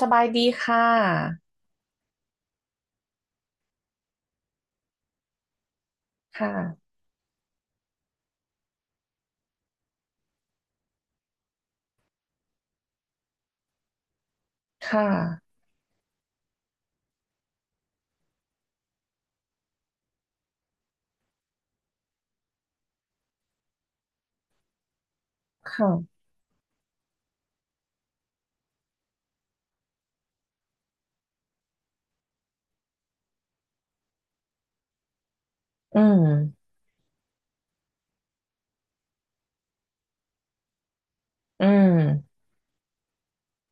สบายดีค่ะค่ะ ค่ะ ค่ะ อืม อืม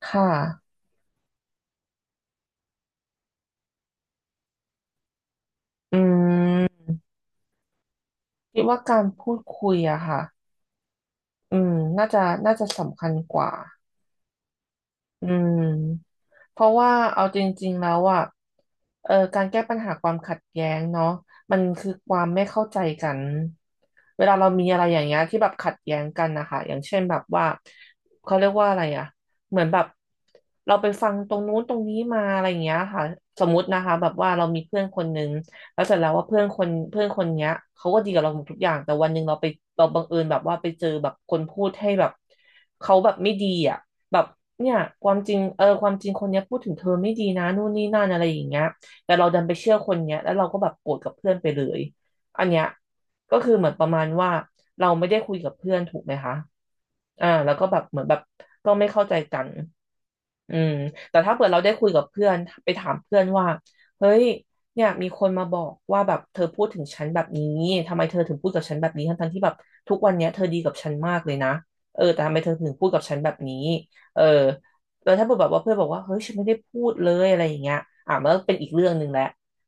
ค่ะ อืม คิดว่าการพูดคุยอะค่ะ อืม น่าจะ น่าจะสำคัญกว่า อืม เพราะว่าเอาจริงๆแล้วอ่ะเออการแก้ปัญหาความขัดแย้งเนาะมันคือความไม่เข้าใจกันเวลาเรามีอะไรอย่างเงี้ยที่แบบขัดแย้งกันนะคะอย่างเช่นแบบว่าเขาเรียกว่าอะไรอ่ะเหมือนแบบเราไปฟังตรงนู้นตรงนี้มาอะไรอย่างเงี้ยค่ะสมมตินะคะแบบว่าเรามีเพื่อนคนนึงแล้วเสร็จแล้วว่าเพื่อนคนเนี้ยเขาก็ดีกับเราหมดทุกอย่างแต่วันหนึ่งเราบังเอิญแบบว่าไปเจอแบบคนพูดให้แบบเขาแบบไม่ดีอ่ะ แบบเนี่ยความจริงเออความจริงคนเนี้ยพูดถึงเธอไม่ดีนะนู่นนี่นั่นอะไรอย่างเงี้ยแต่เราดันไปเชื่อคนเนี้ยแล้วเราก็แบบโกรธกับเพื่อนไปเลยอันเนี้ยก็คือเหมือนประมาณว่าเราไม่ได้คุยกับเพื่อนถูกไหมคะอ่าแล้วก็แบบเหมือนแบบก็ไม่เข้าใจกันอืมแต่ถ้าเกิดเราได้คุยกับเพื่อนไปถามเพื่อนว่าเฮ้ยเนี่ยมีคนมาบอกว่าแบบเธอพูดถึงฉันแบบนี้ทำไมเธอถึงพูดกับฉันแบบนี้ทั้งๆที่แบบทุกวันเนี้ยเธอดีกับฉันมากเลยนะเออแต่ทำไมเธอถึงพูดกับฉันแบบนี้ เออแล้วถ้าแบบว่าเพื่อนบอกว่าเฮ้ยฉันไม่ได้พูดเลยอะไรอย่างเงี้ยอ่ะมันก็เป็นอีกเรื่องหนึ่งแหละ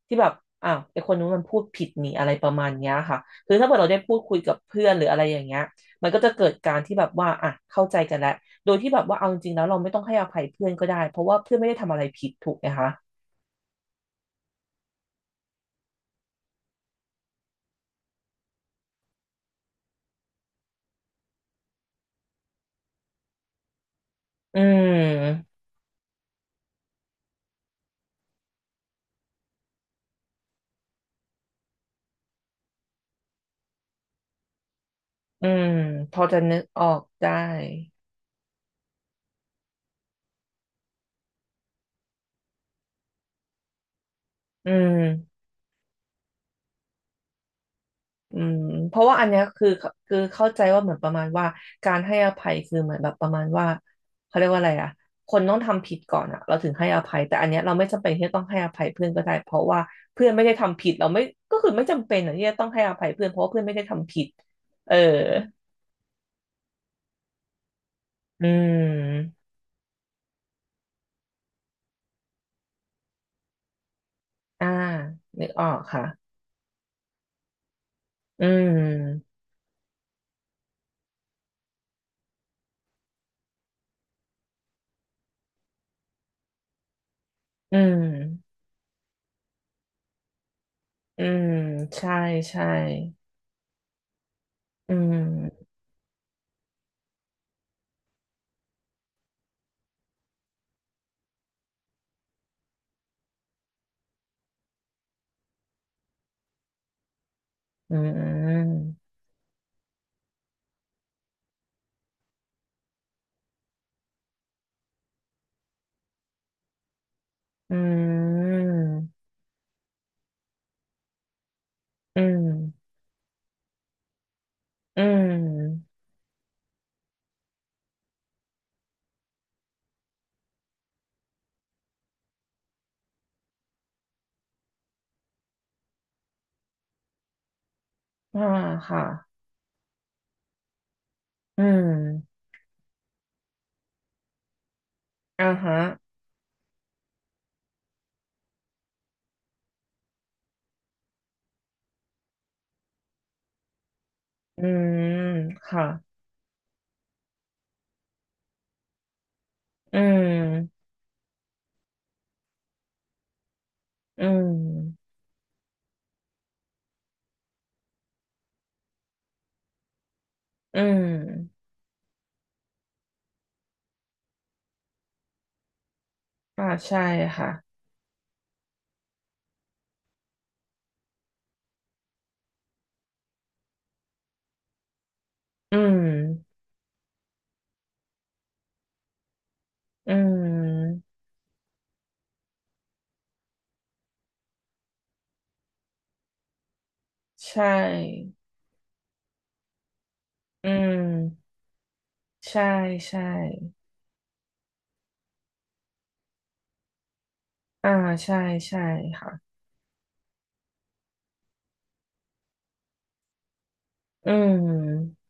ที่แบบอ้าวไอคนนู้นมันพูดผิดนี่อะไรประมาณเนี้ยค่ะคือถ้าเกิดเราได้พูดคุยกับเพื่อนหรืออะไรอย่างเงี้ยมันก็จะเกิดการที่แบบว่าอ่ะเข้าใจกันแล้วโดยที่แบบว่าเอาจริงๆแล้วเราไม่ต้องให้อภัยเพื่อนก็ได้เพราะว่าเพื่อนไม่ได้ทำอะไรผิดถูกไหมคะอืมอืมพอจะนึกออกได้อืม อืมเพราะว่าอันเนี้ยคือเข้าใจว่าเหมือนประมาณว่าการให้อภัยคือเหมือนแบบประมาณว่าเขาเรียกว่าอะไรอะคนต้องทำผิดก่อนอะเราถึงให้อภัยแต่อันเนี้ยเราไม่จำเป็นที่จะต้องให้อภัยเพื่อนก็ได้เพราะว่าเพื่อนไม่ได้ทำผิดเราไม่ก็คือไม่จำเป็นอะที่จะต้องให้อภัยเพื่อนเพราะว่าเพื่อนไม่ได้ทำผิดเอออืมอ่านึกออกค่ะอืมอืมอืมใช่ใช่อืมอืมอืมอืม อืมอ่าค่ะอืมอ่าฮะอืมค่ะอืมอืมอืมอ่าใช่ค่ะอืมอืมใช่อืมใช่ใช่อ่าใช่ใช่ค่ะอืม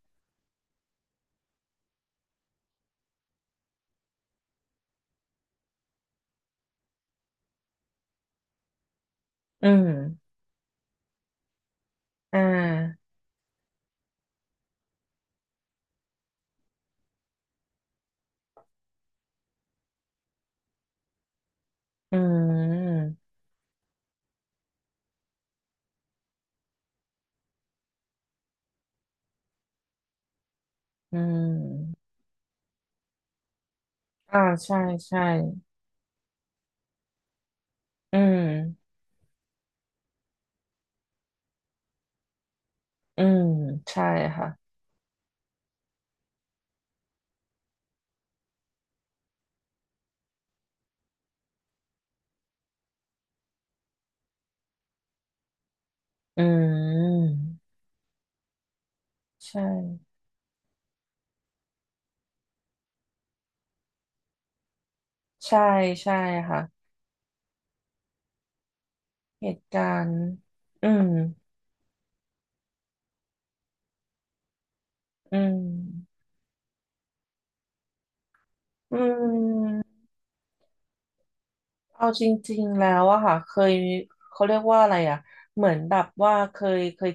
อืมอ่าอืมอืมอ่าใช่ใช่อืมอืมใช่ค่ะอืมใช่ ใช่ใช่ค่ะเหตุการณ์อืมอืมอืม เอาจริงๆแล้วอะค่ะเคยเขาเรียกว่าอะไรอะเหมือนแบบว่าเคยเคย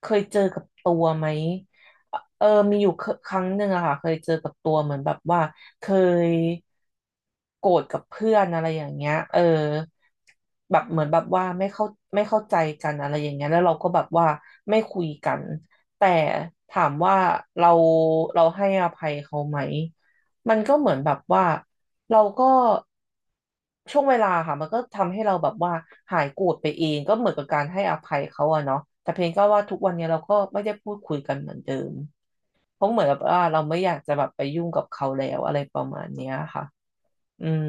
เคยเจอกับตัวไหมเออมีอยู่เครั้งหนึ่งอะค่ะเคยเจอกับตัวเหมือนแบบว่าเคยโกรธกับเพื่อนอะไรอย่างเงี้ยเออแบบเหมือนแบบว่าไม่เข้าใจกันอะไรอย่างเงี้ยแล้วเราก็แบบว่าไม่คุยกันแต่ถามว่าเราเราให้อภัยเขาไหม มันก็เหมือนแบบว่าเราก็ช่วงเวลาค่ะมันก็ทำให้เราแบบว่าหายโกรธไปเองก็เหมือนกับการให้อภัยเขาอะเนาะแต่เพียงก็ว่าทุกวันเนี้ยเราก็ไม่ได้พูดคุยกันเหมือนเดิมเพราะเหมือนแบบว่าเราไม่อยากจะแบบไปยุ่งกับเขาแล้วอะไรประมาณเนี้ยค่ะอืม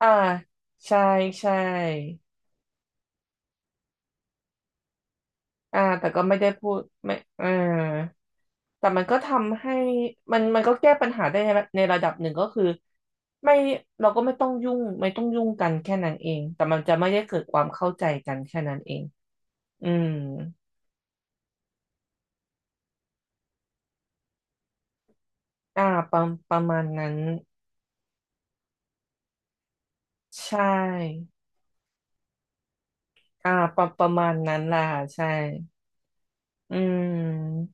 อ่าใช่ใช่ อ่าแต่ก็ไม่ได้พูดไม่เออแต่มันก็ทำให้มันก็แก้ปัญหาได้ในระดับหนึ่งก็คือไม่เราก็ไม่ต้องยุ่งกันแค่นั้นเองแต่มันจะไม่ได้เกิดความเข้าใจกันแค่นั้นเองอืมอ่าประประมาณนั้นใช่อ่าประมาณนั้นแหละค่ะใช่อืม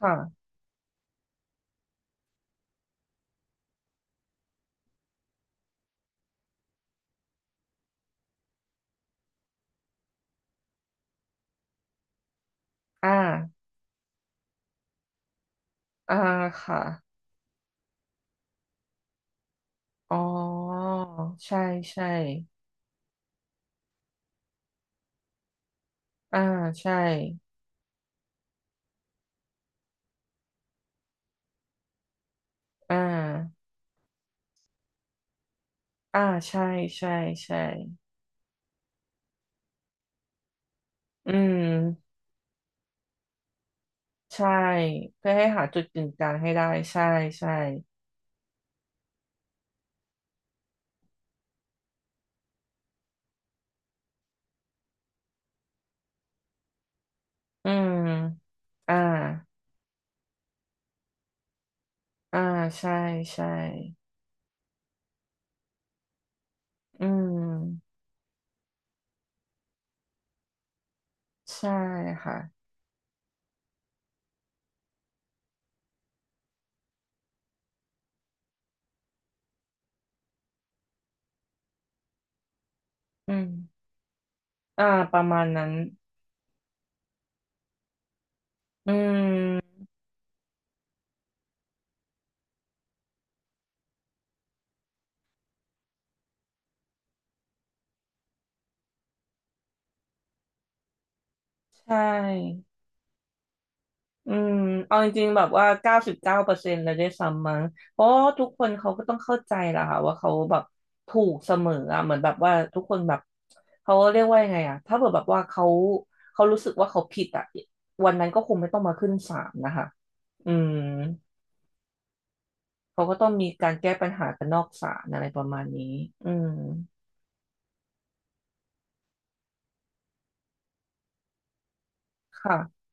ค่ะอ่าอ่าค่ะอ๋อใช่ใช่อ่าใช่อ่า อ่าใช่ใช่ใช่อืมใช่เพื่อให้หาจุดกึ่งกลางให้ได้ใช่ใช่อืมอ่าอ่าใช่ใช่อืมใช่ค่ะอืมอ่าประมาณนั้น อืมใช่ อืมเอาจริงๆแบบว่า99%เลยด้วยซ้ำมั้งเพราะว่าทุกคนเขาก็ต้องเข้าใจแหละค่ะว่าเขาแบบถูกเสมออะเหมือนแบบว่าทุกคนแบบเขาเรียกว่ายังไงอะถ้าเกิดแบบว่าเขารู้สึกว่าเขาผิดอะวันนั้นก็คงไม่ต้องมาขึ้นศาลนะคะอืมเขาก็ต้องมีการแก้ปัญหากันนอกศาลอะไรประมาณนี้อืมค่ะ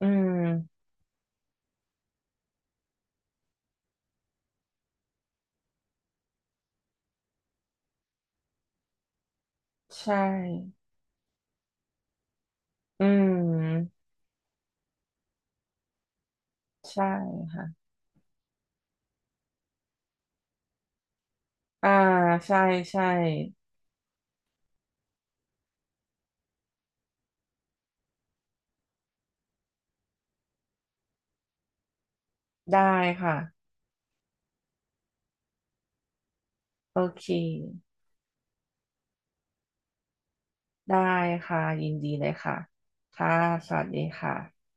อืมใช่อืมใช่ค่ะอ่าใช่ใช่ได้ค่ะ โอเค ได้ค่ะ ยินดีเลยค่ะ ค่ะ สวัสดีค่ะ